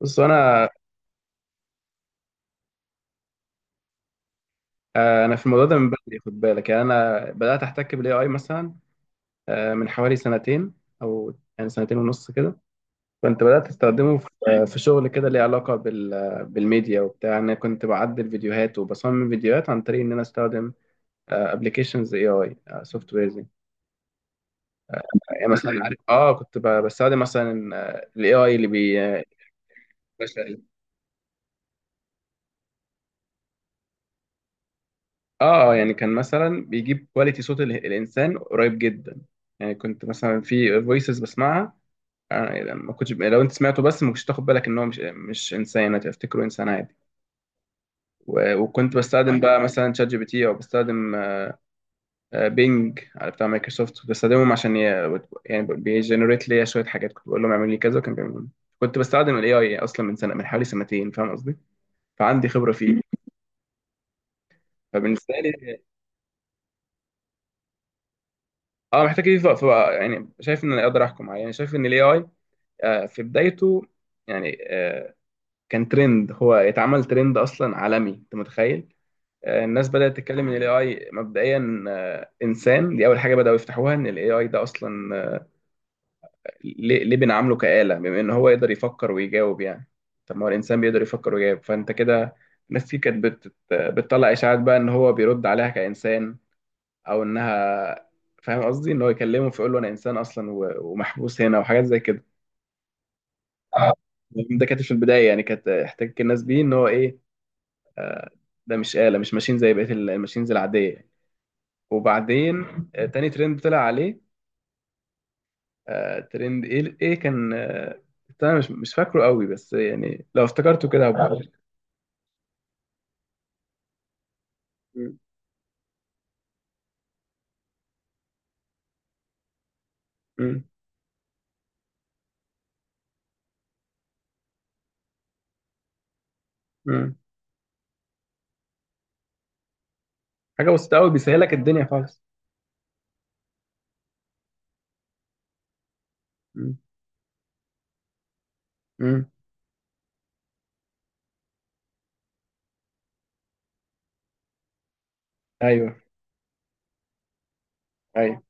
بص، انا في الموضوع ده من بدري، خد بالك. يعني انا بدات احتك بالاي اي مثلا من حوالي سنتين، او يعني سنتين ونص كده. كنت بدات استخدمه في شغل كده ليه علاقه بالميديا وبتاع. انا كنت بعدل فيديوهات وبصمم فيديوهات عن طريق ان انا استخدم ابلكيشنز اي اي سوفت ويرز. يعني مثلا عارف، كنت بستخدم مثلا الاي اي اللي بي اه يعني كان مثلا بيجيب كواليتي صوت الانسان قريب جدا. يعني كنت مثلا في فويسز بسمعها، أنا ما كنتش، لو انت سمعته بس ما كنتش تاخد بالك ان هو مش انسان، هتفتكره انسان عادي. وكنت بستخدم بقى مثلا شات جي بي تي، او بستخدم بينج على بتاع مايكروسوفت. كنت بستخدمهم عشان يعني بيجنريت ليا شويه حاجات، كنت بقول لهم اعمل لي كذا وكان بيعملوا لي. كنت بستخدم الاي اي اصلا من سنه، من حوالي سنتين، فاهم قصدي؟ فعندي خبره فيه. فبالنسبه لي، اه محتاج اضيف بقى، فبقى يعني شايف ان انا اقدر احكم عليه. يعني شايف ان الاي اي في بدايته. يعني كان ترند، هو يتعمل ترند اصلا عالمي، انت متخيل؟ الناس بدأت تتكلم ان الاي اي مبدئيا انسان. دي اول حاجة بدأوا يفتحوها، ان الاي اي ده اصلا ليه بنعامله كآلة بما ان هو يقدر يفكر ويجاوب؟ يعني طب ما هو الانسان بيقدر يفكر ويجاوب، فانت كده. ناس كتير كانت بتطلع اشاعات بقى ان هو بيرد عليها كإنسان، او انها، فاهم قصدي، ان هو يكلمه فيقول له انا انسان اصلا ومحبوس هنا، وحاجات زي كده. ده كانت في البداية يعني، كانت احتكاك الناس بيه ان هو ايه، ده مش آلة، مش ماشين زي بقية الماشينز العادية. وبعدين تاني ترند طلع عليه، ترند ايه كان انا مش فاكره قوي، بس يعني لو افتكرته كده هبقول. مم، مم، مم. حاجه بسيطه قوي، بيسهلك الدنيا خالص. مم، مم. ايوه، ايوه،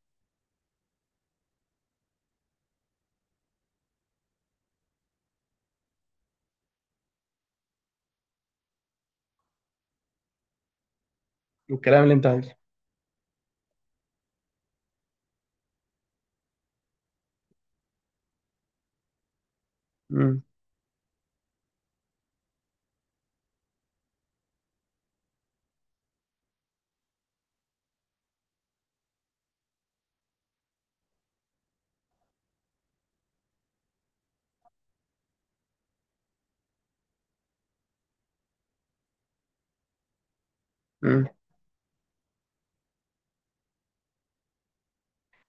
والكلام اللي انت عايزه. مم، مم.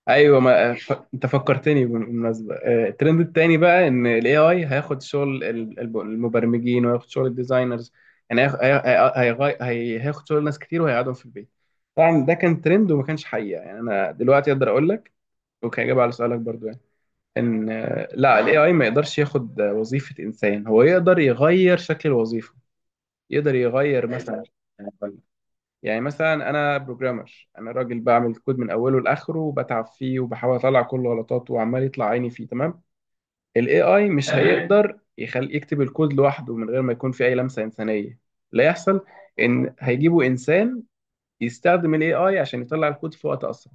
ايوه، ما ف... انت فكرتني بالمناسبه. الترند التاني بقى ان الاي اي هياخد شغل المبرمجين وهياخد شغل الديزاينرز. يعني هياخد شغل ناس كتير وهيقعدهم في البيت. طبعا ده كان ترند وما كانش حقيقه. يعني انا دلوقتي اقدر اقول لك، وكاجابه على سؤالك برضو، يعني ان لا، الاي اي ما يقدرش ياخد وظيفه انسان. هو يقدر يغير شكل الوظيفه. يقدر يغير مثلا، يعني مثلا انا بروجرامر، انا راجل بعمل كود من اوله لاخره وبتعب فيه وبحاول اطلع كل غلطاته وعمال يطلع عيني فيه، تمام؟ الاي اي مش هيقدر يخلي يكتب الكود لوحده من غير ما يكون في اي لمسه انسانيه، لا يحصل. ان هيجيبوا انسان يستخدم الاي اي عشان يطلع الكود في وقت اسرع.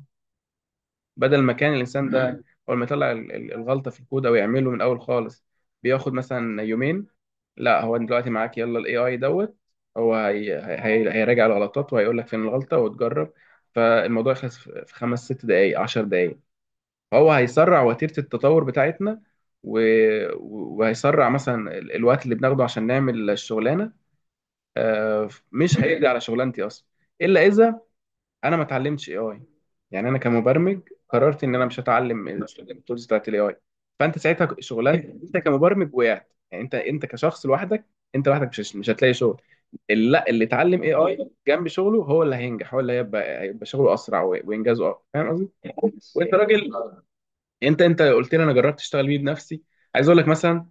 بدل ما كان الانسان ده اول ما يطلع الغلطه في الكود، او يعمله من الاول خالص، بياخد مثلا يومين. لا، هو دلوقتي معاك، يلا الاي اي دوت هو هي هيراجع الغلطات وهيقول لك فين الغلطه وتجرب. فالموضوع يخلص في خمس ست دقائق، عشر دقائق. فهو هيسرع وتيره التطور بتاعتنا، و... وهيسرع مثلا الوقت اللي بناخده عشان نعمل الشغلانه. مش هيقضي على شغلانتي اصلا، الا اذا انا ما اتعلمتش اي اي. يعني انا كمبرمج، قررت ان انا مش هتعلم التولز بتاعت الاي اي، فانت ساعتها شغلانتك انت كمبرمج وقعت. يعني انت كشخص لوحدك، انت لوحدك، مش هتلاقي شغل. اللي لا اللي اتعلم اي اي جنب شغله هو اللي هينجح، هو اللي هيبقى شغله اسرع وانجازه اقوى، فاهم قصدي؟ وانت راجل، انت قلت لي انا جربت اشتغل بيه بنفسي. عايز اقول لك مثلا،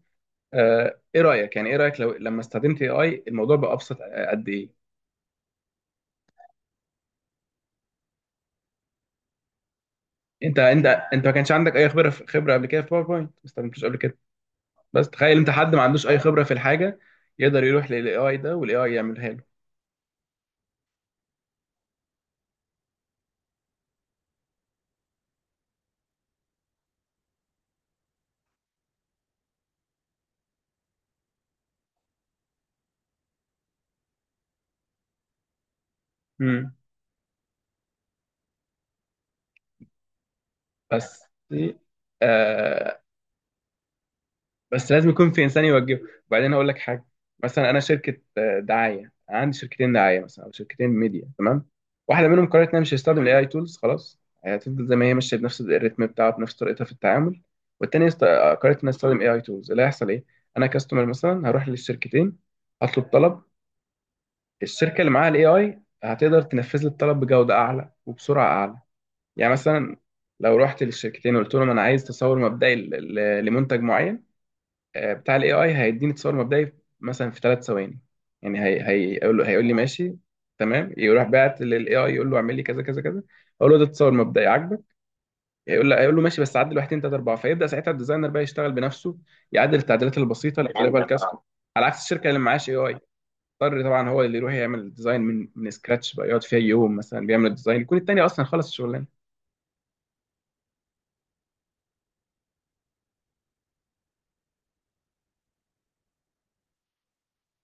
ايه رايك؟ يعني ايه رايك لما استخدمت اي اي الموضوع بقى ابسط قد ايه؟ انت انت انت ما كانش عندك اي خبره قبل كده في باوربوينت، ما استخدمتوش قبل كده. بس تخيل انت حد ما عندوش اي خبره في الحاجه، يقدر يروح للاي اي ده والاي اي يعملها له. امم بس دي بس لازم يكون في انسان يوجهه. وبعدين هقول لك حاجه. مثلا انا شركه دعايه، عندي شركتين دعايه مثلا، او شركتين ميديا، تمام؟ واحده منهم قررت انها مش هتستخدم الاي اي تولز خلاص، هتفضل زي ما هي ماشيه بنفس الريتم بتاعها، بنفس طريقتها في التعامل. والتانيه قررت انها تستخدم اي اي تولز. اللي هيحصل ايه، انا كاستمر مثلا هروح للشركتين، هطلب طلب. الشركه اللي معاها الاي اي هتقدر تنفذ لي الطلب بجوده اعلى وبسرعه اعلى. يعني مثلا لو رحت للشركتين وقلت لهم انا عايز تصور مبدئي لمنتج معين، بتاع الاي اي هيديني تصور مبدئي مثلا في ثلاث ثواني. يعني هي هيقول لي ماشي، تمام. يروح بعت للاي اي يقول له اعمل لي كذا كذا كذا. اقول له ده تصور مبدئي عاجبك؟ هيقول له ماشي بس عدل واحد ثلاثه اربعه. فيبدا ساعتها الديزاينر بقى يشتغل بنفسه، يعدل التعديلات البسيطه اللي بيطلبها الكاستمر. على عكس الشركه اللي معهاش اي اي، اضطر طبعا هو اللي يروح يعمل الديزاين من سكراتش بقى، يقعد فيها يوم مثلا بيعمل الديزاين، يكون التاني اصلا خلص الشغلانه.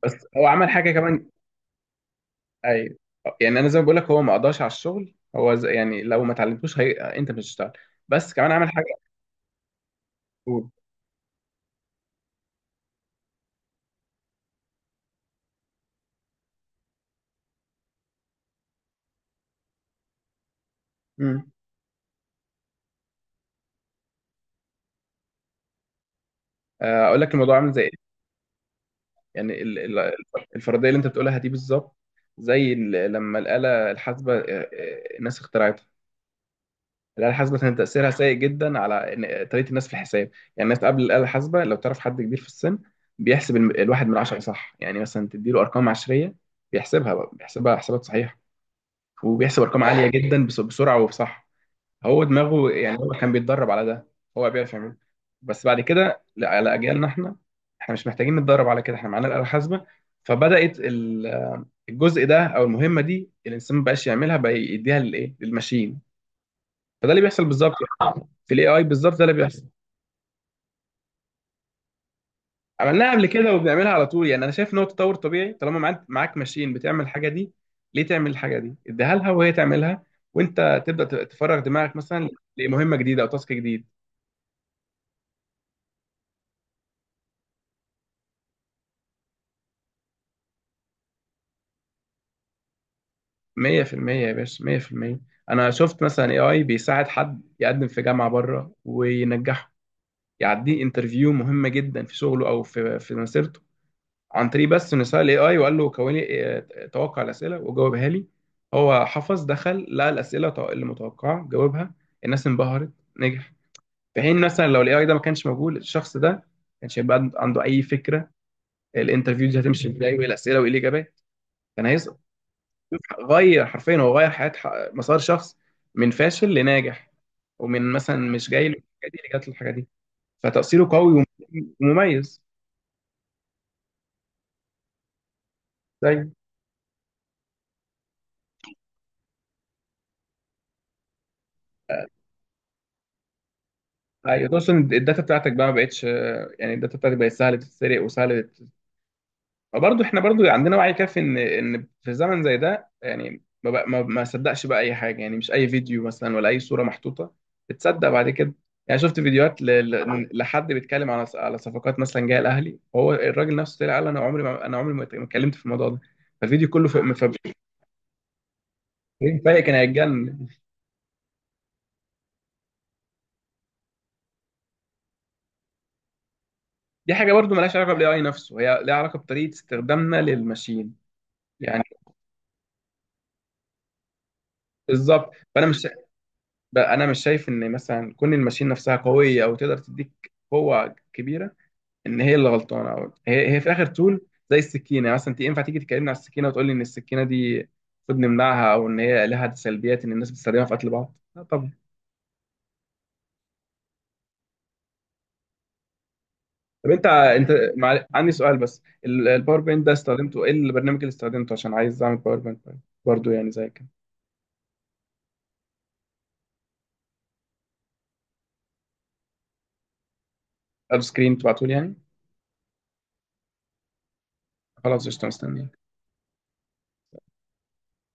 بس هو عمل حاجه كمان. ايوه، يعني انا زي ما بقول لك، هو ما قضاش على الشغل. هو زي يعني لو ما اتعلمتوش انت مش هتشتغل. بس كمان عمل حاجه. قول. امم اقول لك الموضوع عامل زي ايه. يعني الفرضيه اللي انت بتقولها دي بالظبط، زي لما الاله الحاسبه الناس اخترعتها. الاله الحاسبه كان تاثيرها سيء جدا على طريقه الناس في الحساب. يعني الناس قبل الاله الحاسبه، لو تعرف حد كبير في السن، بيحسب الواحد من عشرة صح، يعني مثلا تديله ارقام عشريه بيحسبها بقى، بيحسبها حسابات صحيحه. وبيحسب ارقام عاليه جدا بسرعه وبصح. هو دماغه يعني، هو كان بيتدرب على ده، هو بيعرف يعمله. بس بعد كده لا، على اجيالنا احنا مش محتاجين نتدرب على كده، احنا معانا الآلة الحاسبة. فبدأت الجزء ده او المهمة دي الانسان ما بقاش يعملها، بقى يديها للايه، للماشين. فده اللي بيحصل بالظبط يعني. في الاي اي بالظبط ده اللي بيحصل. عملناها قبل كده وبنعملها على طول. يعني انا شايف ان هو تطور طبيعي، طالما معاك ماشين بتعمل الحاجة دي، ليه تعمل الحاجة دي؟ اديها لها وهي تعملها، وانت تبدأ تفرغ دماغك مثلا لمهمة جديدة او تاسك جديد. مية في المية يا باشا، مية في المية. أنا شفت مثلا اي اي بيساعد حد يقدم في جامعة بره وينجحه، يعديه انترفيو مهمة جدا في شغله أو في مسيرته، عن طريق بس إنه سأل اي اي وقال له كون لي توقع الأسئلة وجاوبها لي. هو حفظ، دخل لقى الأسئلة اللي متوقعة، جاوبها. الناس انبهرت، نجح. في حين مثلا لو الاي اي ده ما كانش موجود، الشخص ده ما كانش هيبقى عنده أي فكرة الانترفيو دي هتمشي ازاي، وايه الأسئلة، وايه الإجابات، كان هيسقط. غير، حرفيا هو غير حياة مسار شخص من فاشل لناجح، ومن مثلا مش جاي له الحاجة دي اللي جات له الحاجة دي. فتأثيره قوي ومميز. طيب، ايوه، خصوصا الداتا بتاعتك بقى ما بقتش يعني الداتا بتاعتك بقت سهلة تتسرق وسهلة. برضه احنا برضه عندنا وعي كافي ان في زمن زي ده، يعني ما بقى ما صدقش بقى اي حاجه، يعني مش اي فيديو مثلا ولا اي صوره محطوطه بتصدق بعد كده. يعني شفت فيديوهات لحد بيتكلم على صفقات مثلا جايه الاهلي، وهو الراجل نفسه طلع قال انا عمري ما اتكلمت في الموضوع ده. فالفيديو كله في مفبركين. فايق كان هيتجنن. دي حاجه برضه مالهاش علاقه بالاي اي نفسه، هي ليها علاقه بطريقه استخدامنا للماشين. يعني بالظبط. فانا مش بقى انا مش شايف ان مثلا كون الماشين نفسها قويه او تقدر تديك قوه كبيره، ان هي اللي غلطانه، او هي في الاخر تول زي السكينه. يعني مثلا انت ينفع تيجي تكلمني على السكينه وتقول لي ان السكينه دي المفروض نمنعها، او ان هي لها سلبيات ان الناس بتستخدمها في قتل بعض؟ لا طبعا. طب عندي سؤال بس، الباور بوينت ده استخدمته ايه، البرنامج اللي استخدمته عشان عايز اعمل باور بوينت؟ برضه يعني زي كده. اب سكرين تبعته لي يعني. خلاص، قشطه، مستني.